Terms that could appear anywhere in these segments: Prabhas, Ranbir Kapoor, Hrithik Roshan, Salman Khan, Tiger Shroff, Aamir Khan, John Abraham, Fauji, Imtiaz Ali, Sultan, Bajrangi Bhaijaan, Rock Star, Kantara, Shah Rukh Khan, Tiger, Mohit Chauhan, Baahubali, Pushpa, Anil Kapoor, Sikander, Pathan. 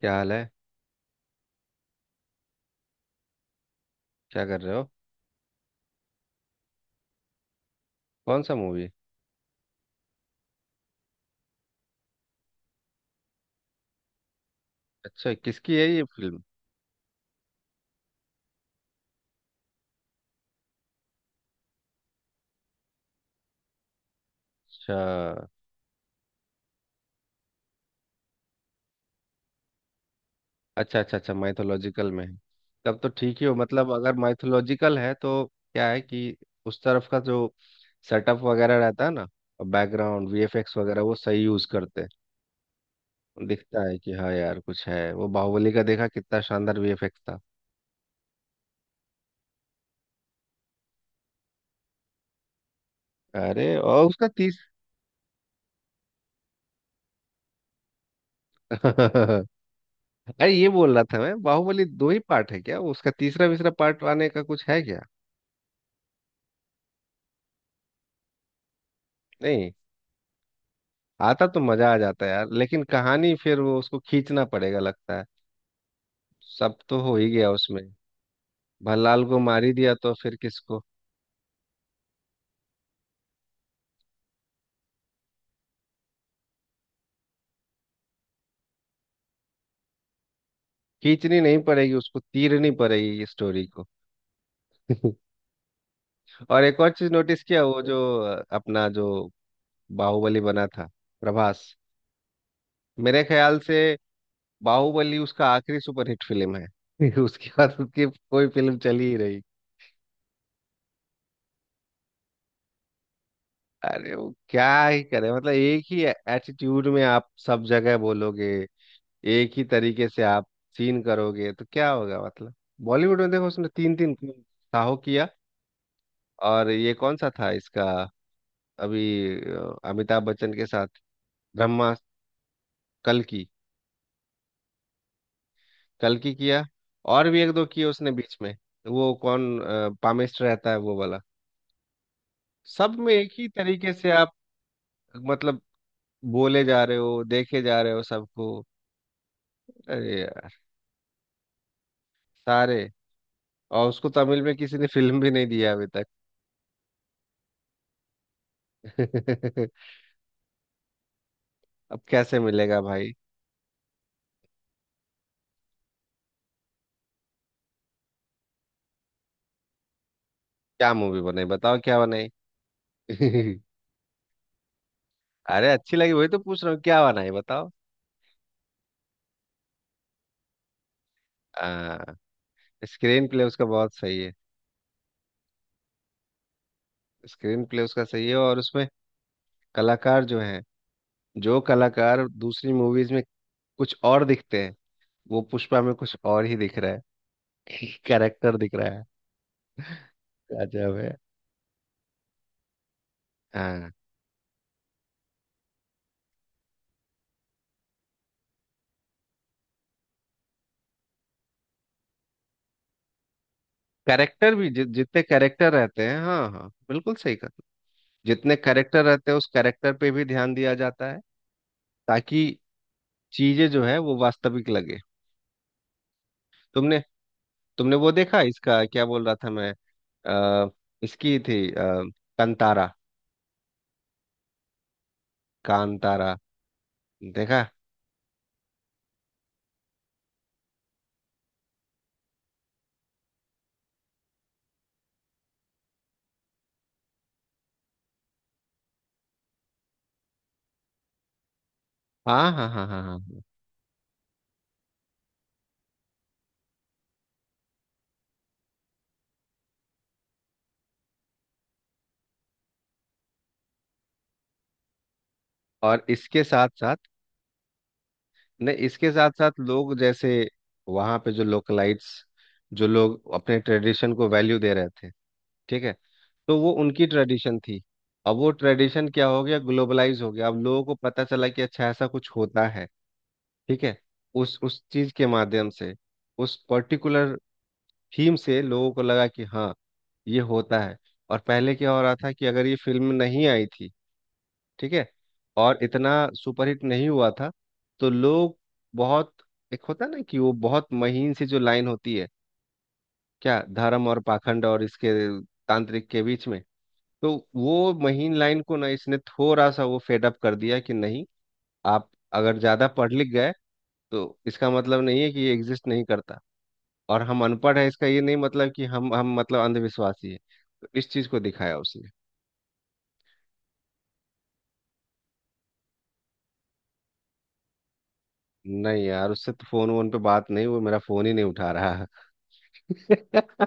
क्या हाल है। क्या कर रहे हो। कौन सा मूवी। अच्छा, किसकी है ये फिल्म। अच्छा अच्छा अच्छा, अच्छा माइथोलॉजिकल में है। तब तो ठीक ही हो मतलब, अगर माइथोलॉजिकल है तो। क्या है कि उस तरफ का जो सेटअप वगैरह रहता है ना, बैकग्राउंड वीएफएक्स वगैरह वो सही यूज करते हैं। दिखता है कि हाँ यार कुछ है। वो बाहुबली का देखा, कितना शानदार वीएफएक्स था। अरे और उसका तीस अरे ये बोल रहा था मैं, बाहुबली दो ही पार्ट है क्या, उसका तीसरा तीसरा पार्ट आने का कुछ है क्या। नहीं आता तो मजा आ जाता है यार, लेकिन कहानी फिर वो उसको खींचना पड़ेगा लगता है। सब तो हो ही गया उसमें, भल्लाल को मार ही दिया तो फिर किसको। खींचनी नहीं पड़ेगी, उसको तीरनी पड़ेगी स्टोरी को और एक और चीज नोटिस किया, वो जो अपना जो बाहुबली बना था, प्रभास, मेरे ख्याल से बाहुबली उसका आखिरी सुपरहिट फिल्म है उसके बाद उसकी कोई फिल्म चली ही रही। अरे वो क्या ही करे, मतलब एक ही एटीट्यूड में आप सब जगह बोलोगे, एक ही तरीके से आप सीन करोगे तो क्या होगा मतलब। बॉलीवुड में देखो, उसने तीन तीन साहो किया, और ये कौन सा था इसका, अभी अमिताभ बच्चन के साथ, ब्रह्मा, कल्कि, कल्कि किया, और भी एक दो किए उसने बीच में। वो कौन पामेस्टर रहता है वो वाला, सब में एक ही तरीके से आप, मतलब बोले जा रहे हो, देखे जा रहे हो सबको। अरे यार, सारे, और उसको तमिल में किसी ने फिल्म भी नहीं दिया अभी तक अब कैसे मिलेगा भाई। क्या मूवी बनाई बताओ, क्या बनाई अरे अच्छी लगी, वही तो पूछ रहा हूँ, क्या बनाई बताओ। आ, स्क्रीन प्ले उसका बहुत सही है, स्क्रीन प्ले उसका सही है, और उसमें कलाकार जो है, जो कलाकार दूसरी मूवीज में कुछ और दिखते हैं, वो पुष्पा में कुछ और ही दिख रहा है कैरेक्टर दिख रहा है, गजब है। हाँ, कैरेक्टर भी जितने कैरेक्टर रहते हैं। हाँ हाँ, बिल्कुल सही कहा। जितने कैरेक्टर रहते हैं, उस कैरेक्टर पे भी ध्यान दिया जाता है, ताकि चीजें जो है वो वास्तविक लगे। तुमने तुमने वो देखा, इसका क्या बोल रहा था मैं, अ, इसकी थी कंतारा, कांतारा देखा। हाँ हाँ हाँ हाँ हाँ हाँ। और इसके साथ साथ, नहीं इसके साथ साथ लोग जैसे वहाँ पे जो लोकलाइट्स, जो लोग अपने ट्रेडिशन को वैल्यू दे रहे थे, ठीक है, तो वो उनकी ट्रेडिशन थी। अब वो ट्रेडिशन क्या हो गया, ग्लोबलाइज हो गया, अब लोगों को पता चला कि अच्छा ऐसा कुछ होता है, ठीक है। उस चीज के माध्यम से, उस पर्टिकुलर थीम से लोगों को लगा कि हाँ ये होता है। और पहले क्या हो रहा था, कि अगर ये फिल्म नहीं आई थी, ठीक है, और इतना सुपरहिट नहीं हुआ था, तो लोग बहुत, एक होता ना कि वो बहुत महीन सी जो लाइन होती है, क्या धर्म और पाखंड और इसके तांत्रिक के बीच में, तो वो महीन लाइन को ना इसने थोड़ा सा वो फेड अप कर दिया कि नहीं, आप अगर ज्यादा पढ़ लिख गए तो इसका मतलब नहीं है कि ये एग्जिस्ट नहीं करता, और हम अनपढ़ हैं इसका ये नहीं मतलब कि हम मतलब अंधविश्वासी हैं, तो इस चीज को दिखाया उसने। नहीं यार उससे तो फोन वोन पे बात नहीं, वो मेरा फोन ही नहीं उठा रहा है।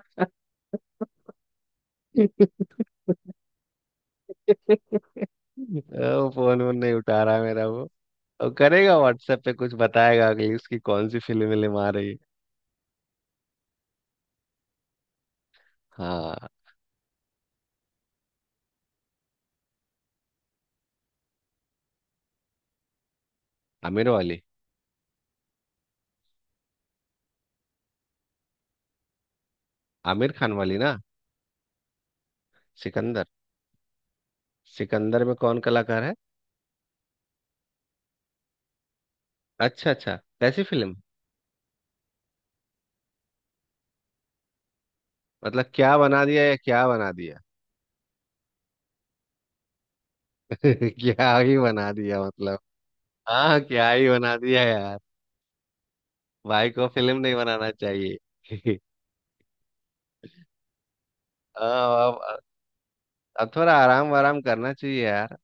वो फोन वोन नहीं उठा रहा मेरा वो, और करेगा व्हाट्सएप पे कुछ बताएगा कि उसकी कौन सी फिल्म विल्म आ रही है। हाँ, आमिर वाली, आमिर खान वाली ना। सिकंदर। सिकंदर में कौन कलाकार है। अच्छा अच्छा, कैसी फिल्म। मतलब क्या बना दिया या क्या बना दिया क्या ही बना दिया मतलब। हाँ, क्या ही बना दिया यार। भाई को फिल्म नहीं बनाना चाहिए हाँ, अब थोड़ा आराम वाराम करना चाहिए यार,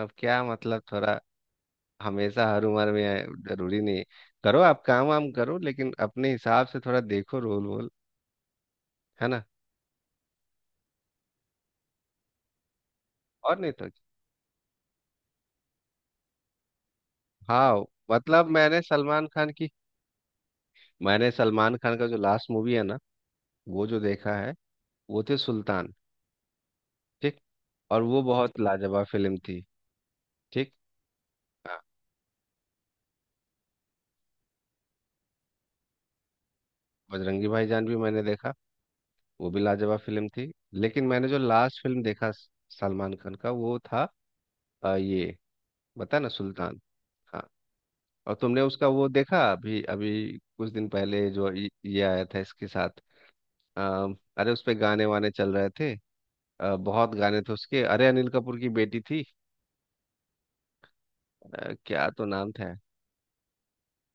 अब क्या मतलब, थोड़ा हमेशा हर उम्र में है, जरूरी नहीं है। करो आप काम वाम करो, लेकिन अपने हिसाब से थोड़ा देखो रोल वोल, है ना। और नहीं तो, हाँ, मतलब मैंने सलमान खान की, मैंने सलमान खान का जो लास्ट मूवी है ना, वो जो देखा है, वो थे सुल्तान। ठीक। और वो बहुत लाजवाब फिल्म थी। ठीक। हाँ, बजरंगी भाईजान भी मैंने देखा, वो भी लाजवाब फिल्म थी, लेकिन मैंने जो लास्ट फिल्म देखा स- सलमान खान का वो था ये बता ना, सुल्तान। हाँ। और तुमने उसका वो देखा अभी अभी कुछ दिन पहले, जो ये आया था इसके साथ, अ, अरे उस पे गाने वाने चल रहे थे, बहुत गाने थे उसके, अरे अनिल कपूर की बेटी थी, क्या तो नाम था।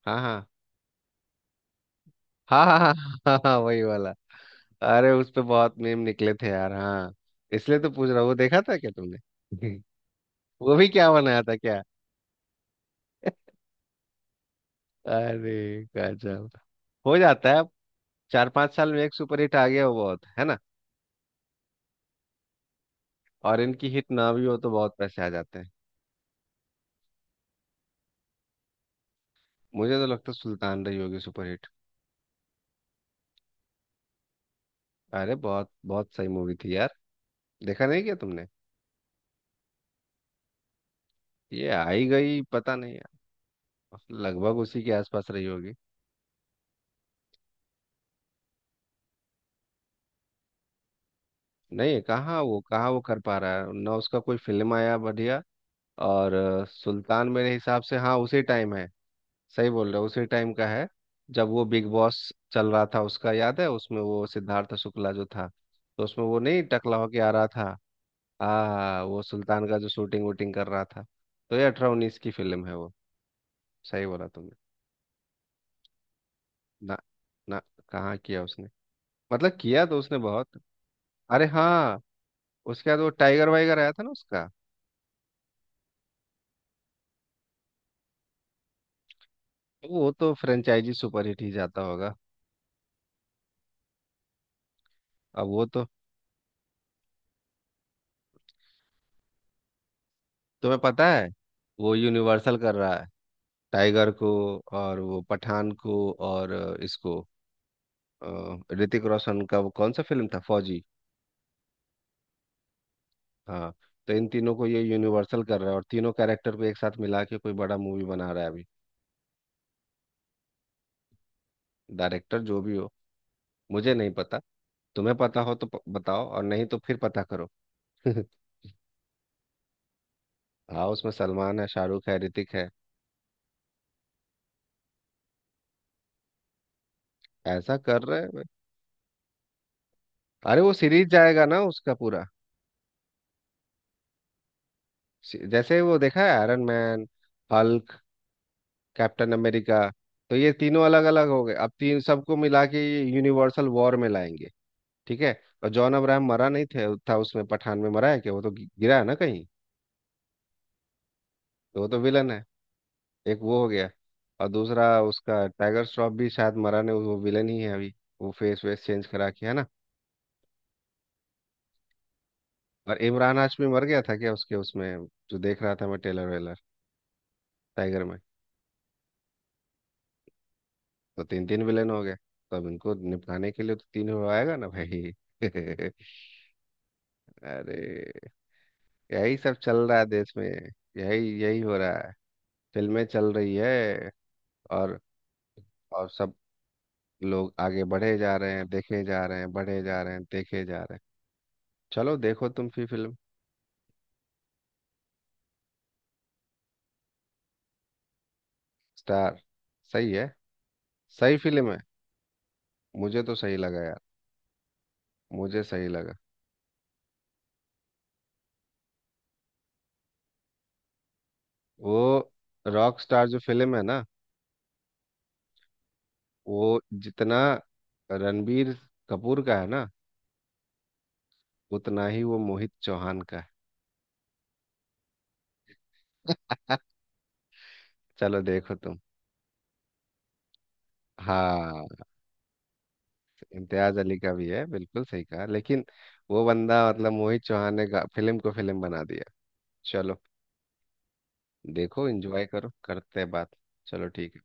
हाँ हाँ हाँ हाँ हाँ। हाँ, हाँ, हाँ, वही वाला। अरे उस पे बहुत मेम निकले थे यार, हाँ, इसलिए तो पूछ रहा हूँ, वो देखा था क्या तुमने वो भी क्या बनाया था, अरे गजब हो जाता है। चार पांच साल में एक सुपर हिट आ गया वो बहुत है ना, और इनकी हिट ना भी हो तो बहुत पैसे आ जाते हैं। मुझे तो लगता है सुल्तान रही होगी सुपर हिट। अरे बहुत बहुत सही मूवी थी यार, देखा नहीं क्या तुमने। ये आई गई पता नहीं यार, लगभग उसी के आसपास रही होगी। नहीं, कहाँ वो, कहाँ वो कर पा रहा है ना, उसका कोई फिल्म आया बढ़िया, और सुल्तान मेरे हिसाब से हाँ उसी टाइम है। सही बोल रहे हो, उसी टाइम का है, जब वो बिग बॉस चल रहा था उसका याद है, उसमें वो सिद्धार्थ शुक्ला जो था, तो उसमें वो नहीं टकला होके आ रहा था। आ वो सुल्तान का जो शूटिंग वूटिंग कर रहा था, तो ये 18-19 की फिल्म है वो, सही बोला तुमने। ना। ना। कहाँ किया उसने, मतलब किया तो उसने बहुत। अरे हाँ, उसके बाद वो टाइगर वाइगर आया था ना उसका, तो वो तो फ्रेंचाइजी सुपरहिट ही जाता होगा। अब वो तो। तुम्हें पता है, वो यूनिवर्सल कर रहा है, टाइगर को, और वो पठान को, और इसको, ऋतिक रोशन का वो कौन सा फिल्म था, फौजी, हाँ। तो इन तीनों को ये यूनिवर्सल कर रहा है, और तीनों कैरेक्टर को एक साथ मिला के कोई बड़ा मूवी बना रहा है अभी। डायरेक्टर जो भी हो, मुझे नहीं पता, तुम्हें पता हो तो प- बताओ, और नहीं तो फिर पता करो हाँ, उसमें सलमान है, शाहरुख है, ऋतिक है, ऐसा कर रहे हैं। अरे वो सीरीज जाएगा ना उसका पूरा, सी- जैसे वो देखा है Iron Man, Hulk, Captain America, तो ये तीनों अलग अलग हो गए, अब तीन सबको मिला के ये यूनिवर्सल वॉर में लाएंगे, ठीक है। और जॉन अब्राहम मरा नहीं थे था उसमें, पठान में मरा है क्या, वो तो गि- गिरा है ना कहीं, तो वो तो विलन है। एक वो हो गया, और दूसरा उसका टाइगर श्रॉफ भी शायद मरा नहीं, वो विलन ही है अभी, वो फेस वेस चेंज करा के है ना। और इमरान हाशमी मर गया था क्या उसके उसमें जो देख रहा था मैं टेलर वेलर, टाइगर में। तो तीन तीन विलन हो गए, तो अब इनको निपटाने के लिए तो तीन हो आएगा ना भाई अरे, यही सब चल रहा है देश में, यही यही हो रहा है। फिल्में चल रही है, और और सब लोग आगे बढ़े जा रहे हैं, देखे जा रहे हैं, बढ़े जा रहे हैं, देखे जा रहे हैं। चलो देखो तुम फिर फिल्म, स्टार, सही है। सही फिल्म है, मुझे तो सही लगा यार, मुझे सही लगा। वो रॉक स्टार जो फिल्म है ना, वो जितना रणबीर कपूर का है ना, उतना ही वो मोहित चौहान का है। चलो देखो तुम। हाँ, इम्तियाज अली का भी है, बिल्कुल सही कहा, लेकिन वो बंदा मतलब मोहित चौहान ने गा- फिल्म को फिल्म बना दिया। चलो देखो एंजॉय करो, करते हैं बात। चलो ठीक है।